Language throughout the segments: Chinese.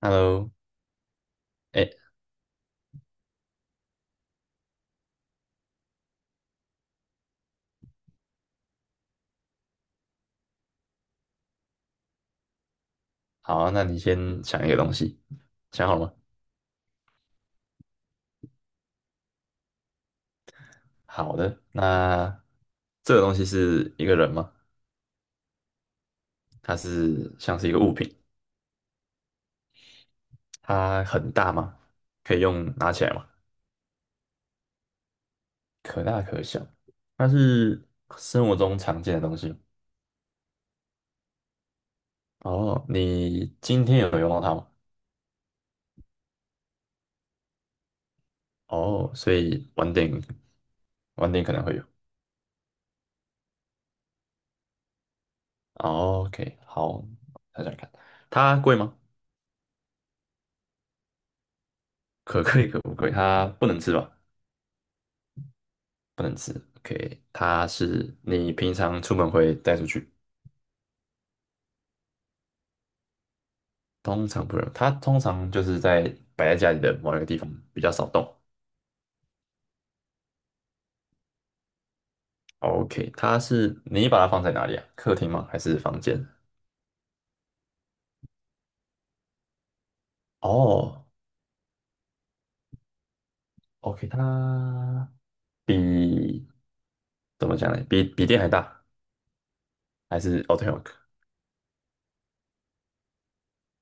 Hello，哎，好啊，那你先想一个东西，想好了吗？好的，那这个东西是一个人吗？它是像是一个物品，它很大吗？可以用拿起来吗？可大可小，它是生活中常见的东西吗？哦，你今天有用到它吗？哦，所以晚点可能会有。哦，OK，好，想想看，它贵吗？可贵可不贵？它不能吃吧？不能吃。OK，它是你平常出门会带出去，通常不能。它通常就是在摆在家里的某一个地方，比较少动。OK，它是你把它放在哪里啊？客厅吗？还是房间？哦，OK，比怎么讲呢？比电还大，还是哦对，t o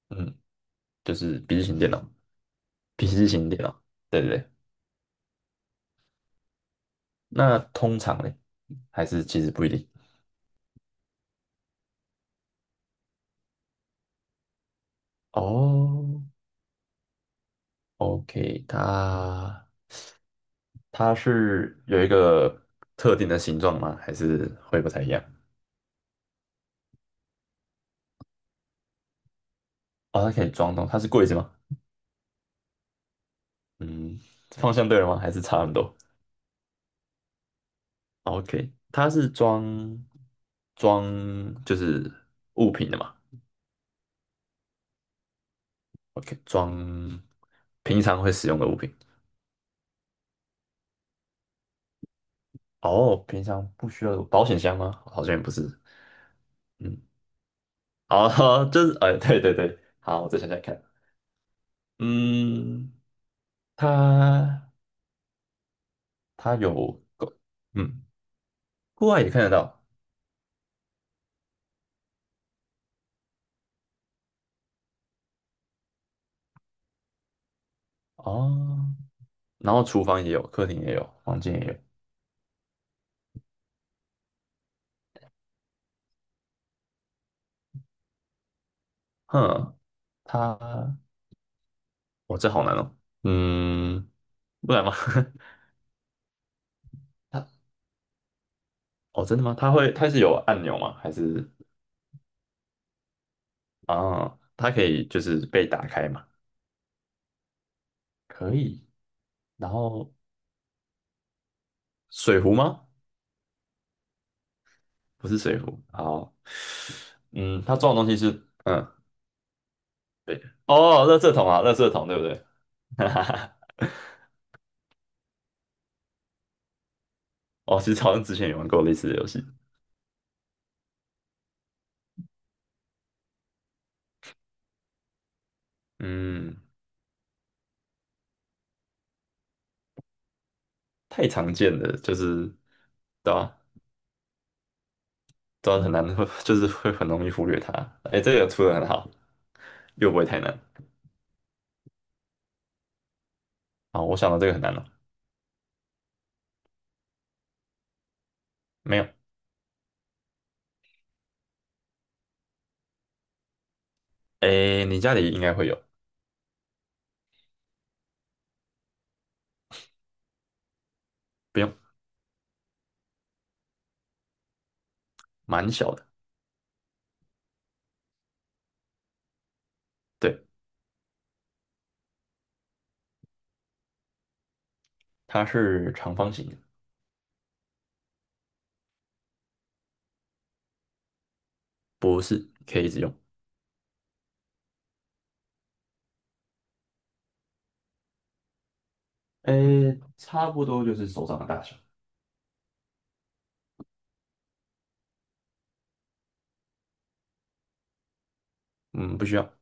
嗯，就是笔记型电脑，对对对。那通常嘞，还是其实不一定。哦，OK，它是有一个特定的形状吗？还是会不太一样？哦，它可以装东，它是柜子吗？嗯，方向对了吗？还是差很多？OK，它是装就是物品的嘛？OK，装平常会使用的物品。哦，平常不需要有保险箱吗？好像也不是。嗯，哦，就是哎，对对对，好，我再想想看。嗯，它它有，嗯，户外也看得到。哦，然后厨房也有，客厅也有，房间也有。哼，它，哦，这好难哦。嗯，不然吗？它，哦，真的吗？它会，它是有按钮吗？还是啊，它可以就是被打开吗？可以。然后水壶吗？不是水壶。好，嗯，它装的东西是，嗯，哦，垃圾桶啊，垃圾桶，对不对？哈哈哈。哦，其实好像之前也玩过类似的游戏。嗯，太常见了，就是，对啊，的很难，就是会很容易忽略它。哎，这个出的很好，又不会太难。啊！我想到这个很难了，没有。哎，你家里应该会有，不用，蛮小的。对，它是长方形的，不是，可以一直用。哎，差不多就是手掌的大小。嗯，不需要，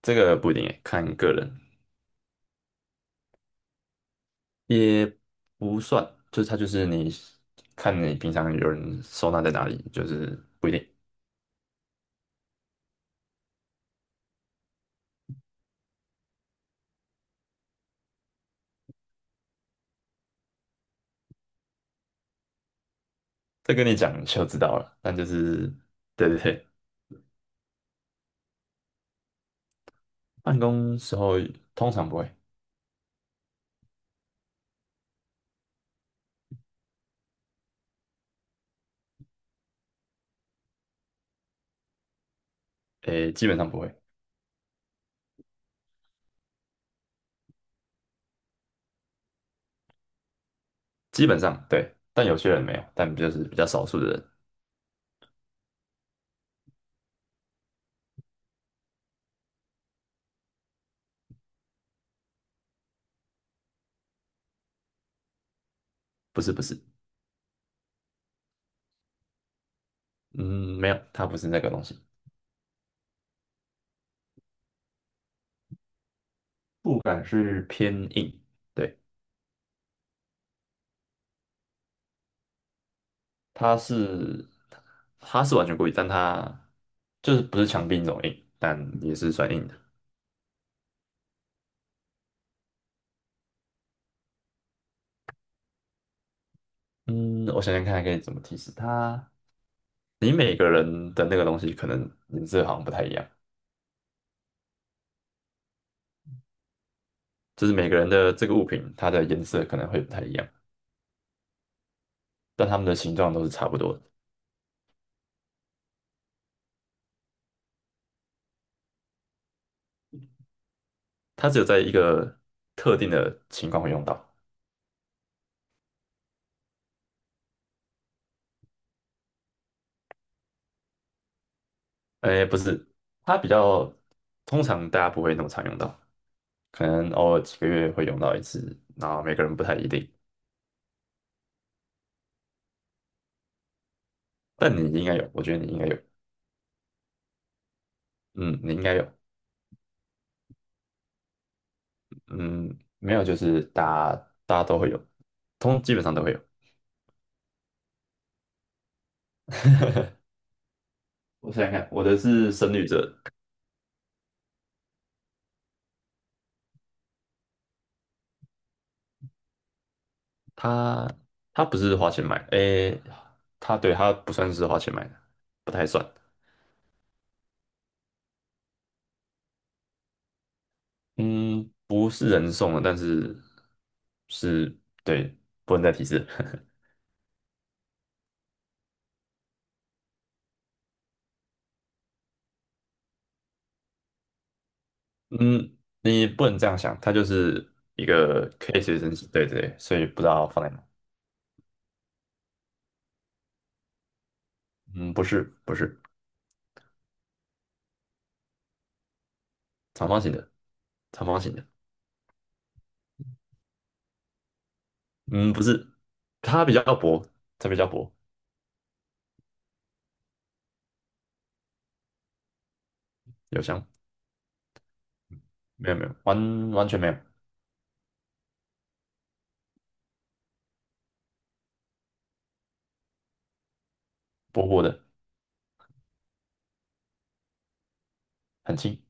这个不一定诶，看个人，也不算，就是它就是你看你平常有人收纳在哪里，就是不一定。这跟你讲你就知道了，但就是对对对，办公时候通常不会，诶，基本上不会，基本上对，但有些人没有，但就是比较少数的人，不是不是，嗯，没有，它不是那个东西，触感是偏硬，对，它是它它是完全故意，但它就是不是墙壁那种硬，但也是算硬的。嗯，我想想看，可以怎么提示它？你每个人的那个东西可能颜色好像不太一样，就是每个人的这个物品，它的颜色可能会不太一样，但它们的形状都是差不多的。它只有在一个特定的情况会用到。哎，不是，它比较通常大家不会那么常用到，可能偶尔几个月会用到一次，然后每个人不太一定。但你应该有，我觉得你应该有，嗯，你应该有，嗯，没有就是大家都会有，通基本上都会有。我想想看，我的是深绿色，它它不是花钱买的，诶，它对它不算是花钱买的，不太算。嗯，不是人送的，但是是，对，不能再提示。嗯，你不能这样想，它就是一个可以随身携，对对，所以不知道放在哪。嗯，不是，不是，长方形的，长方形的。嗯，不是，它比较薄，它比较薄，有香，没有没有，完全没有，薄薄的，很轻，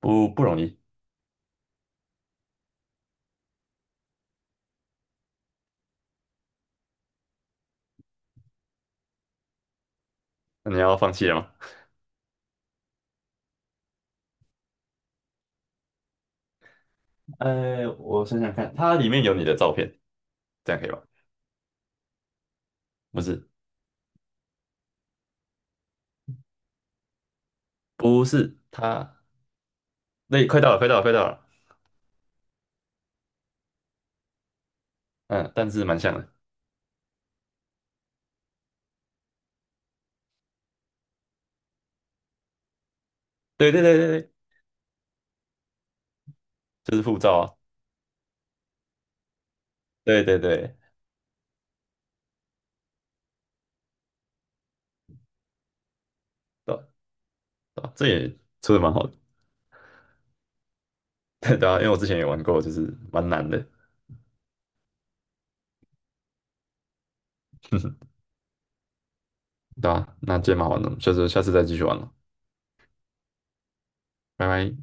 不容易。那你要放弃了吗？我想想看，它里面有你的照片，这样可以吧？不是，不是，它。对，快到了，快到了，快到了。嗯，但是蛮像的。对对对对对，就是护照啊。对对对，对啊对啊这也出的蛮好的。对对啊，因为我之前也玩过，就是蛮难的。对啊，那今天蛮好玩的，下次下次再继续玩了，拜拜。